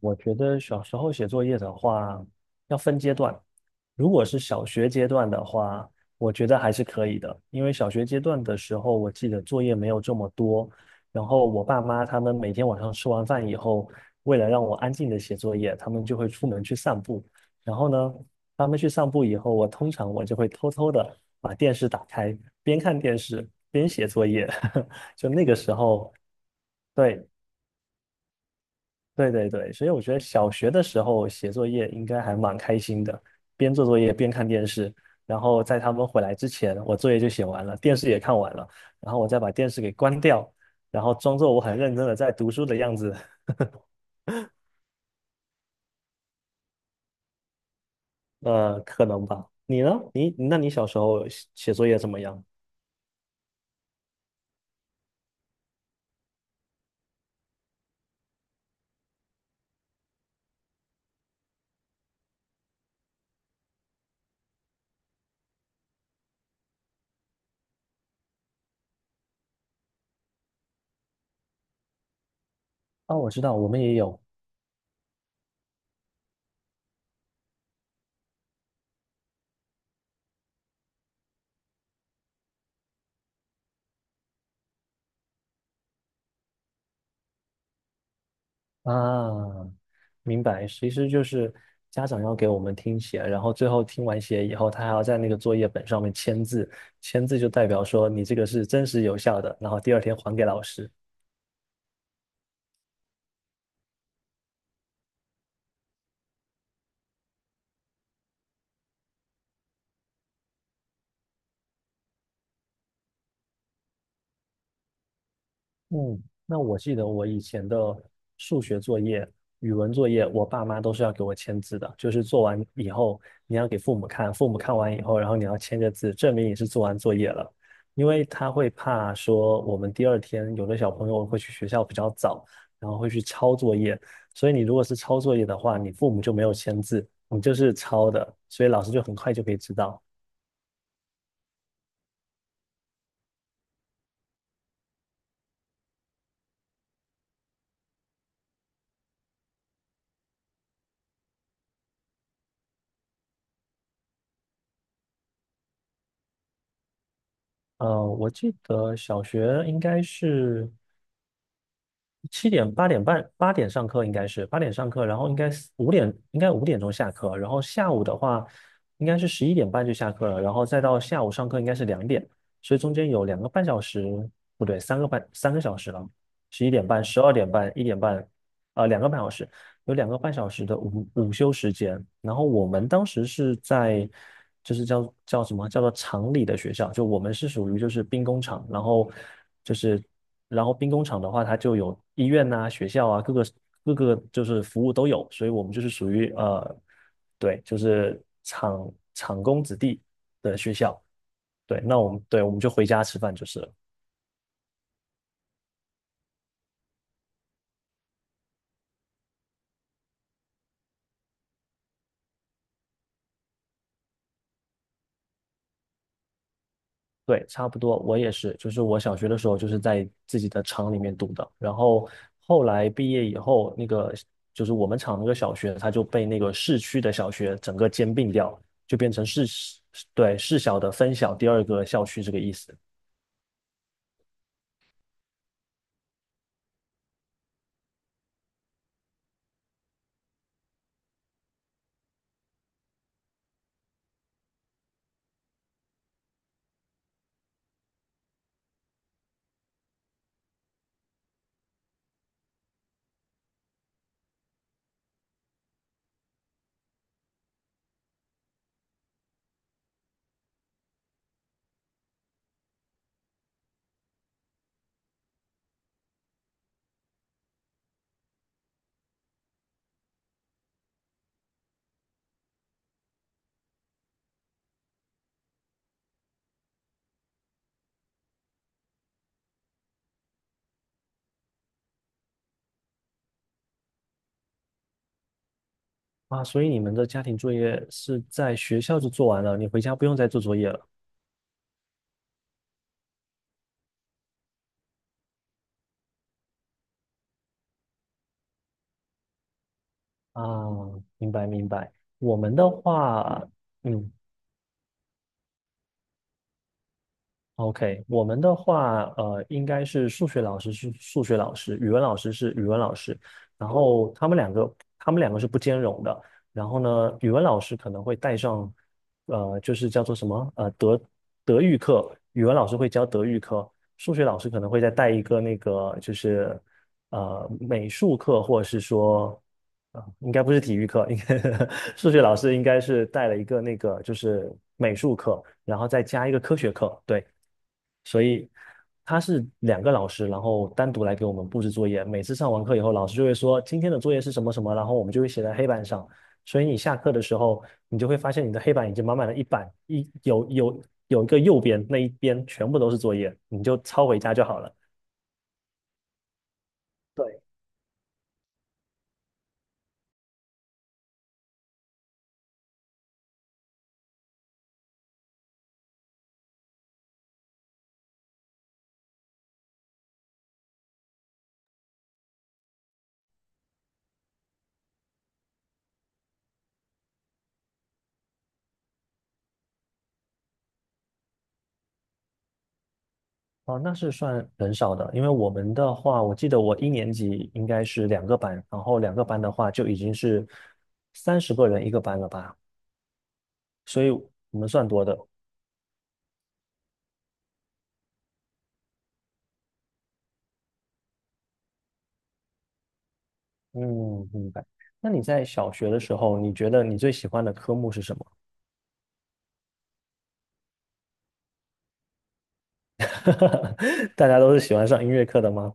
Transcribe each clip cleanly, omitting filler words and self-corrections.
我觉得小时候写作业的话，要分阶段。如果是小学阶段的话，我觉得还是可以的，因为小学阶段的时候，我记得作业没有这么多。然后我爸妈他们每天晚上吃完饭以后，为了让我安静的写作业，他们就会出门去散步。然后呢，他们去散步以后，我通常就会偷偷的把电视打开，边看电视边写作业。就那个时候，对，对对对，所以我觉得小学的时候写作业应该还蛮开心的，边做作业边看电视，然后在他们回来之前，我作业就写完了，电视也看完了，然后我再把电视给关掉，然后装作我很认真的在读书的样子。可能吧。你呢？你小时候写作业怎么样？哦，我知道，我们也有。啊，明白，其实就是家长要给我们听写，然后最后听完写以后，他还要在那个作业本上面签字，签字就代表说你这个是真实有效的，然后第二天还给老师。嗯，那我记得我以前的数学作业、语文作业，我爸妈都是要给我签字的，就是做完以后你要给父母看，父母看完以后，然后你要签个字，证明你是做完作业了。因为他会怕说我们第二天有的小朋友会去学校比较早，然后会去抄作业，所以你如果是抄作业的话，你父母就没有签字，你就是抄的，所以老师就很快就可以知道。我记得小学应该是。七点八点半八点上课应该是八点上课，然后应该5点钟下课，然后下午的话应该是十一点半就下课了，然后再到下午上课应该是2点，所以中间有两个半小时，不对，3个小时了，十一点半、12:30、一点半，呃，两个半小时，有两个半小时的午休时间，然后我们当时是在，就是叫什么叫做厂里的学校，就我们是属于就是兵工厂，就是，然后兵工厂的话，它就有医院呐、学校啊，各个就是服务都有，所以我们就是属于，对，就是厂工子弟的学校，对，那我们就回家吃饭就是了。对，差不多，我也是，就是我小学的时候就是在自己的厂里面读的，然后后来毕业以后，那个就是我们厂那个小学，它就被那个市区的小学整个兼并掉，就变成市，对，市小的分校第二个校区这个意思啊。所以你们的家庭作业是在学校就做完了，你回家不用再做作业了啊？明白明白。我们的话，嗯，OK，我们的话，应该是数学老师是数学老师，语文老师是语文老师，然后他们两个是不兼容的。然后呢，语文老师可能会带上，就是叫做什么，德育课，语文老师会教德育课，数学老师可能会再带一个那个，就是美术课或者是说，啊、应该不是体育课，应该 数学老师应该是带了一个那个就是美术课，然后再加一个科学课，对。所以他是2个老师，然后单独来给我们布置作业。每次上完课以后，老师就会说今天的作业是什么什么，然后我们就会写在黑板上。所以你下课的时候，你就会发现你的黑板已经满满了一板，一有有有一个右边那一边全部都是作业，你就抄回家就好了。对，哦，那是算很少的，因为我们的话，我记得我一年级应该是两个班，然后两个班的话就已经是30个人一个班了吧，所以我们算多的。嗯，明白。那你在小学的时候，你觉得你最喜欢的科目是什么？大家都是喜欢上音乐课的吗？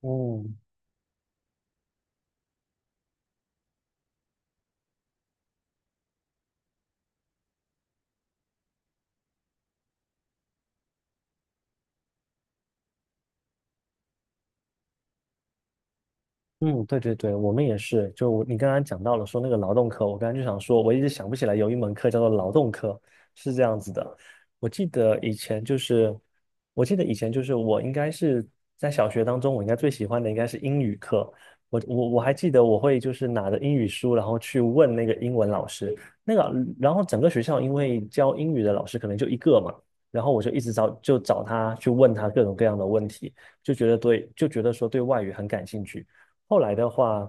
嗯嗯，对对对，我们也是。就我你刚刚讲到了说那个劳动课，我刚刚就想说，我一直想不起来有一门课叫做劳动课，是这样子的。我记得以前就是，我记得以前就是我应该是在小学当中，我应该最喜欢的应该是英语课。我还记得我会就是拿着英语书，然后去问那个英文老师，那个然后整个学校因为教英语的老师可能就一个嘛，然后我就一直找就找他去问他各种各样的问题，就觉得说对外语很感兴趣。后来的话，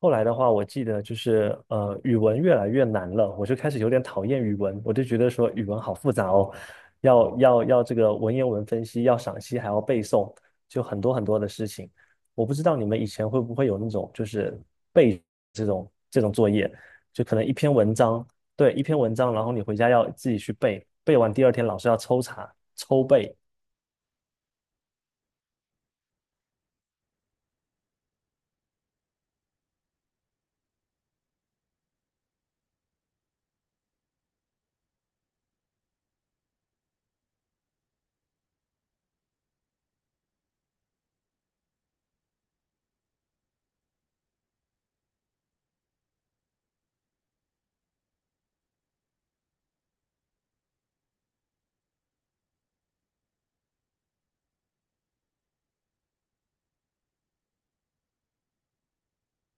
我记得就是，语文越来越难了，我就开始有点讨厌语文，我就觉得说语文好复杂哦，要这个文言文分析，要赏析，还要背诵，就很多很多的事情。我不知道你们以前会不会有那种就是背这种作业，就可能一篇文章，对，一篇文章，然后你回家要自己去背，背完第二天老师要抽查抽背。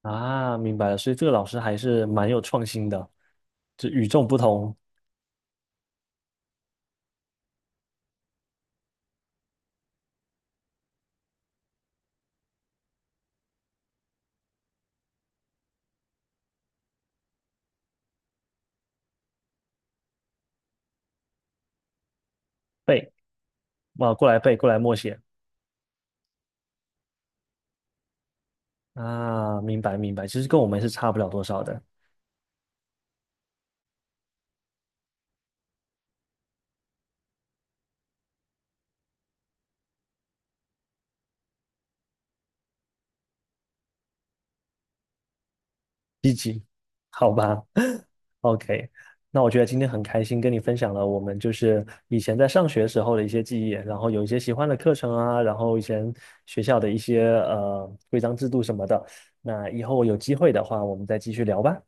啊，明白了，所以这个老师还是蛮有创新的，就与众不同。背，哇，过来背，过来默写。啊，明白明白，其实跟我们是差不了多少的。积极，好吧 ，OK，那我觉得今天很开心跟你分享了我们就是以前在上学时候的一些记忆，然后有一些喜欢的课程啊，然后以前学校的一些规章制度什么的，那以后有机会的话，我们再继续聊吧。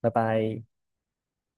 拜拜。